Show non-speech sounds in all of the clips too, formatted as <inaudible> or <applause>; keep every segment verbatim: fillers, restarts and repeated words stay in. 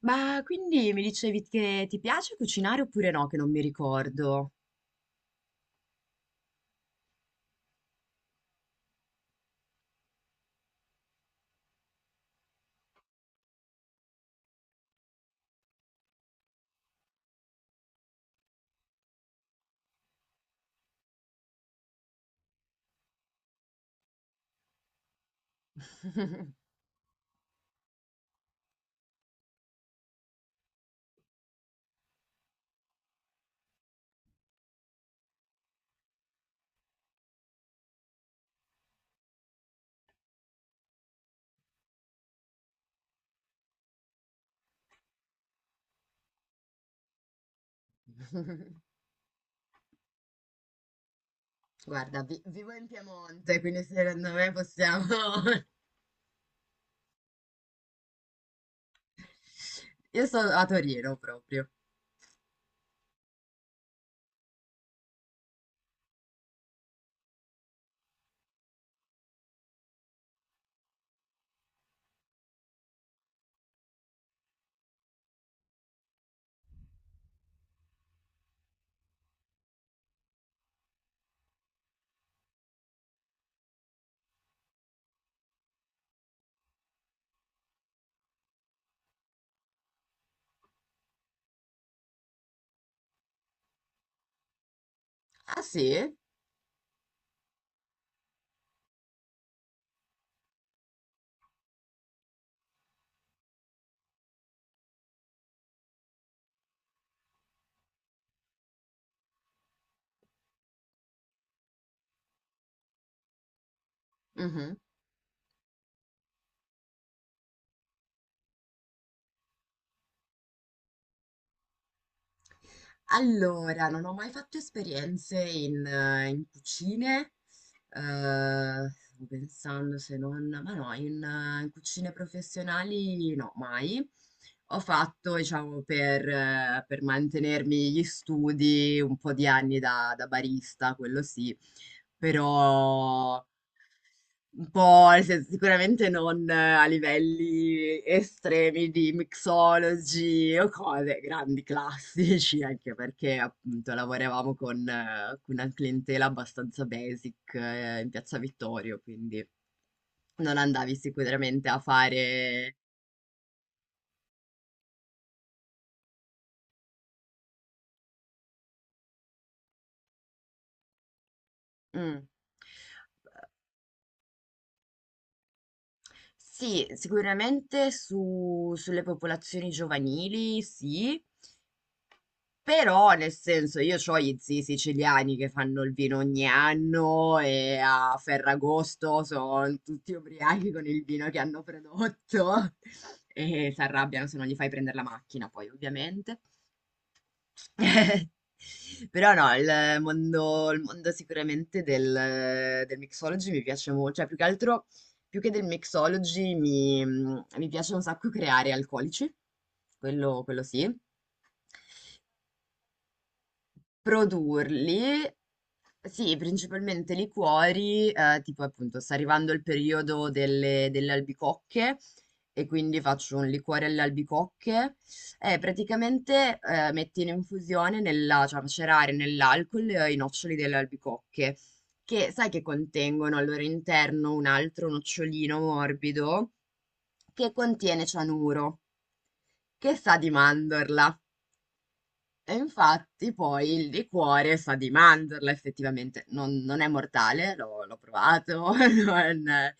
Ma quindi mi dicevi che ti piace cucinare oppure no, che non mi ricordo. <laughs> Guarda, vi- vivo in Piemonte, quindi secondo me possiamo... <laughs> Io sono a Torino proprio. Ah sì? Mhm. Allora, non ho mai fatto esperienze in, eh, in cucine. Ehm, stavo pensando se non ma no, in in cucine professionali no, mai. Ho fatto, diciamo, per eh, per mantenermi gli studi un po' di anni da da barista, quello sì, però un po', nel senso, sicuramente non eh, a livelli estremi di mixology o cose, grandi classici, <laughs> anche perché appunto lavoravamo con, eh, con una clientela abbastanza basic, eh, in Piazza Vittorio, quindi non andavi sicuramente a fare... Mm. Sì, sicuramente su- sulle popolazioni giovanili, sì. Però, nel senso, io c'ho gli zii siciliani che fanno il vino ogni anno e a Ferragosto sono tutti ubriachi con il vino che hanno prodotto <laughs> e si arrabbiano se non gli fai prendere la macchina, poi, ovviamente. <laughs> Però no, il mondo, il mondo sicuramente del, del mixology mi piace molto, cioè più che altro, più che del mixology mi, mi piace un sacco creare alcolici, quello quello sì. Produrli sì, principalmente liquori, ehm, tipo appunto sta arrivando il periodo delle delle albicocche e quindi faccio un liquore alle albicocche e praticamente, ehm, metti in infusione nella, cioè macerare nell'alcol, eh, i noccioli delle albicocche, che sai che contengono al loro interno un altro nocciolino morbido che contiene cianuro, che sa di mandorla. E infatti poi il liquore sa di mandorla effettivamente, non, non è mortale, l'ho l'ho provato. <laughs> non-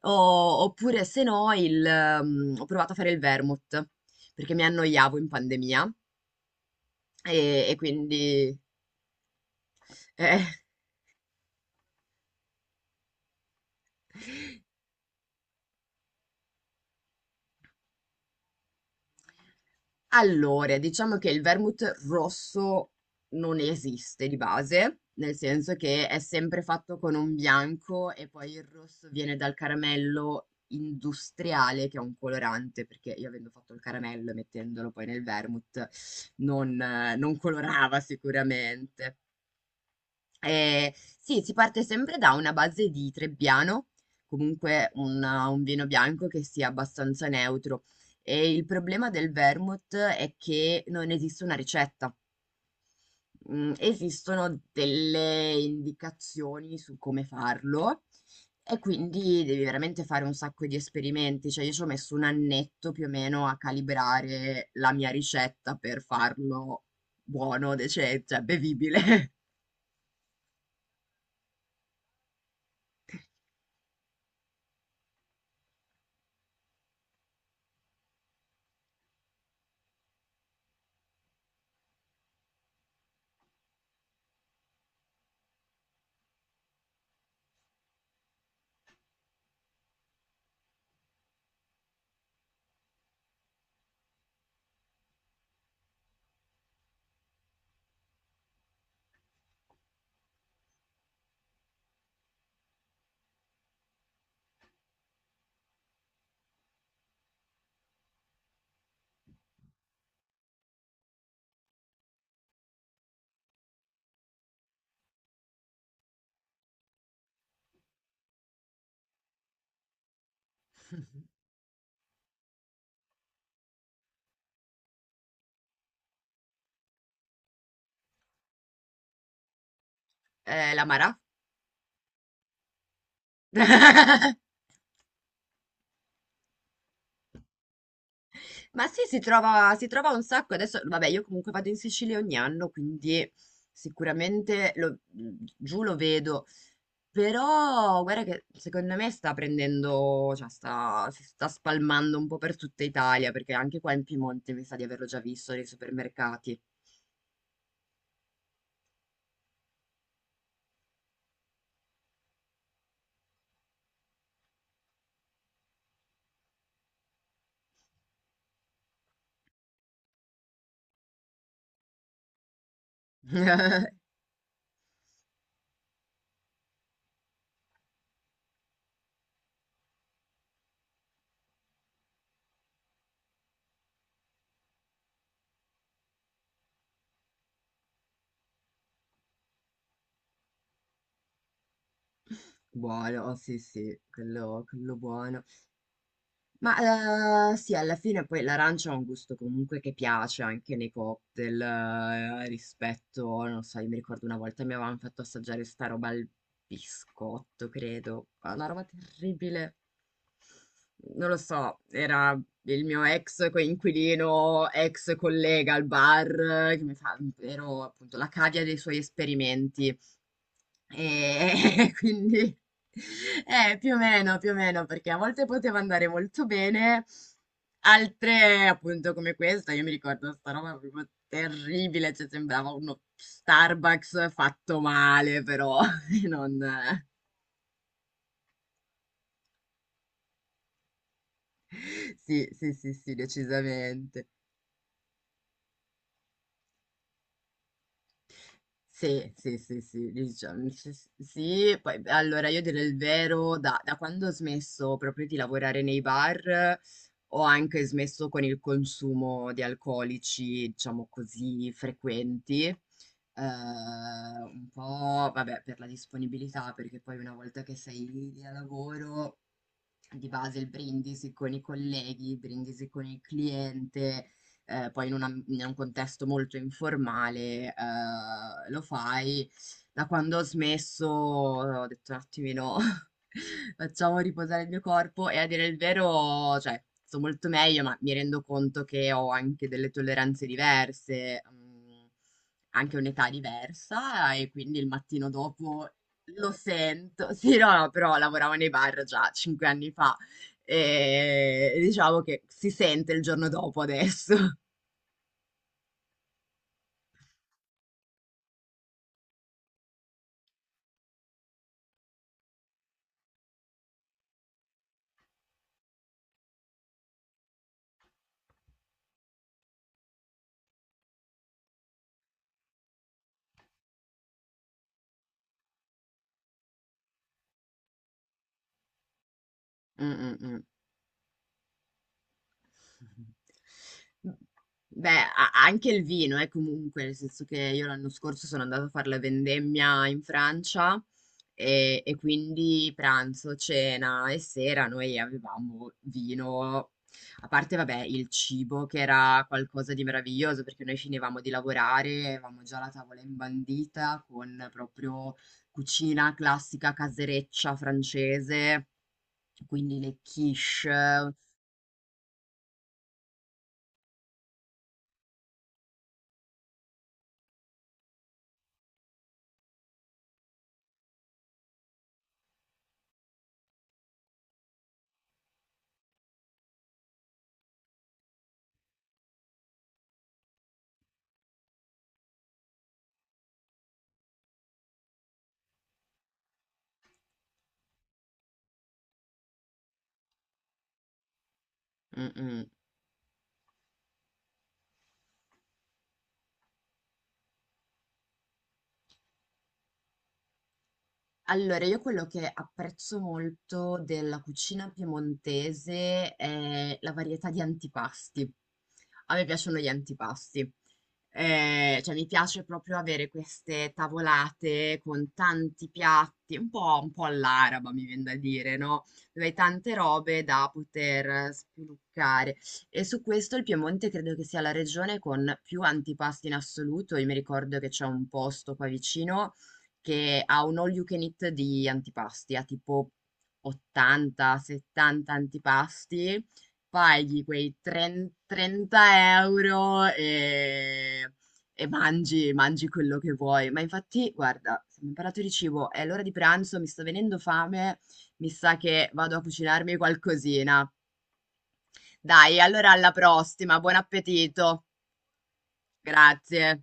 o- Oppure se no il, ehm, ho provato a fare il vermouth, perché mi annoiavo in pandemia e, e quindi eh, <laughs> allora, diciamo che il vermouth rosso non esiste di base, nel senso che è sempre fatto con un bianco e poi il rosso viene dal caramello industriale, che è un colorante, perché io avendo fatto il caramello e mettendolo poi nel vermouth non, eh, non colorava sicuramente. Eh, sì, si parte sempre da una base di Trebbiano, comunque un, un vino bianco che sia abbastanza neutro. E il problema del vermouth è che non esiste una ricetta. Mm, esistono delle indicazioni su come farlo e quindi devi veramente fare un sacco di esperimenti. Cioè, io ci ho messo un annetto più o meno a calibrare la mia ricetta per farlo buono, dece- cioè bevibile. <laughs> Eh, l'amara? <laughs> Ma sì, si trova, si trova un sacco. Adesso, vabbè, io comunque vado in Sicilia ogni anno, quindi sicuramente lo- giù lo vedo. Però, guarda che secondo me sta prendendo, cioè sta, si sta spalmando un po' per tutta Italia, perché anche qua in Piemonte mi sa di averlo già visto nei supermercati. <laughs> Buono, sì, sì, quello, quello buono. Ma eh, sì, alla fine poi l'arancia ha un gusto comunque che piace anche nei cocktail, eh, rispetto, non so, io mi ricordo una volta mi avevano fatto assaggiare sta roba al biscotto, credo, ma una roba terribile, non lo so, era il mio ex coinquilino, ex collega al bar, eh, che mi fa, ero appunto la cavia dei suoi esperimenti. E <laughs> quindi eh, più o meno, più o meno, perché a volte poteva andare molto bene, altre appunto come questa, io mi ricordo sta roba proprio terribile, cioè sembrava uno Starbucks fatto male, però <laughs> non... Sì, sì, sì, sì, decisamente. Sì, sì, sì, sì, diciam- sì, sì, sì, poi beh, allora io direi il vero, da, da quando ho smesso proprio di lavorare nei bar, ho anche smesso con il consumo di alcolici, diciamo così, frequenti, eh, un po', vabbè, per la disponibilità, perché poi una volta che sei lì a lavoro, di base il brindisi con i colleghi, il brindisi con il cliente, ehm, poi in un am in un contesto molto informale, ehm, lo fai. Da quando ho smesso ho detto un attimino: <laughs> "Facciamo riposare il mio corpo", e a dire il vero, cioè, sto molto meglio, ma mi rendo conto che ho anche delle tolleranze diverse, mhmm, anche un'età diversa e quindi il mattino dopo lo sento. <laughs> Sì, no, no, però lavoravo nei bar già cinque anni fa, ehm, e diciamo che si sente il giorno dopo adesso. Mm, mm, mm. Beh, a- anche il vino, eh, comunque, nel senso che io l'anno scorso sono andata a fare la vendemmia in Francia e, e quindi pranzo, cena e sera noi avevamo vino. A parte, vabbè, il cibo che era qualcosa di meraviglioso, perché noi finivamo di lavorare, avevamo già la tavola imbandita con proprio cucina classica casereccia francese, quindi le quiche. Mm, mm. Allora, io quello che apprezzo molto della cucina piemontese è la varietà di antipasti. A me piacciono gli antipasti. Eh, cioè, mi piace proprio avere queste tavolate con tanti piatti, un po', un po' all'araba, mi viene da dire, no? Dove hai tante robe da poter spiluccare. E su questo il Piemonte credo che sia la regione con più antipasti in assoluto. Io mi ricordo che c'è un posto qua vicino che ha un all you can eat di antipasti, ha tipo ottanta settanta antipasti, paghi quei 30 30 euro e, e mangi, mangi quello che vuoi. Ma infatti, guarda, se mi parlato di cibo, è l'ora di pranzo, mi sta venendo fame, mi sa che vado a cucinarmi qualcosina. Dai, allora alla prossima, buon appetito. Grazie.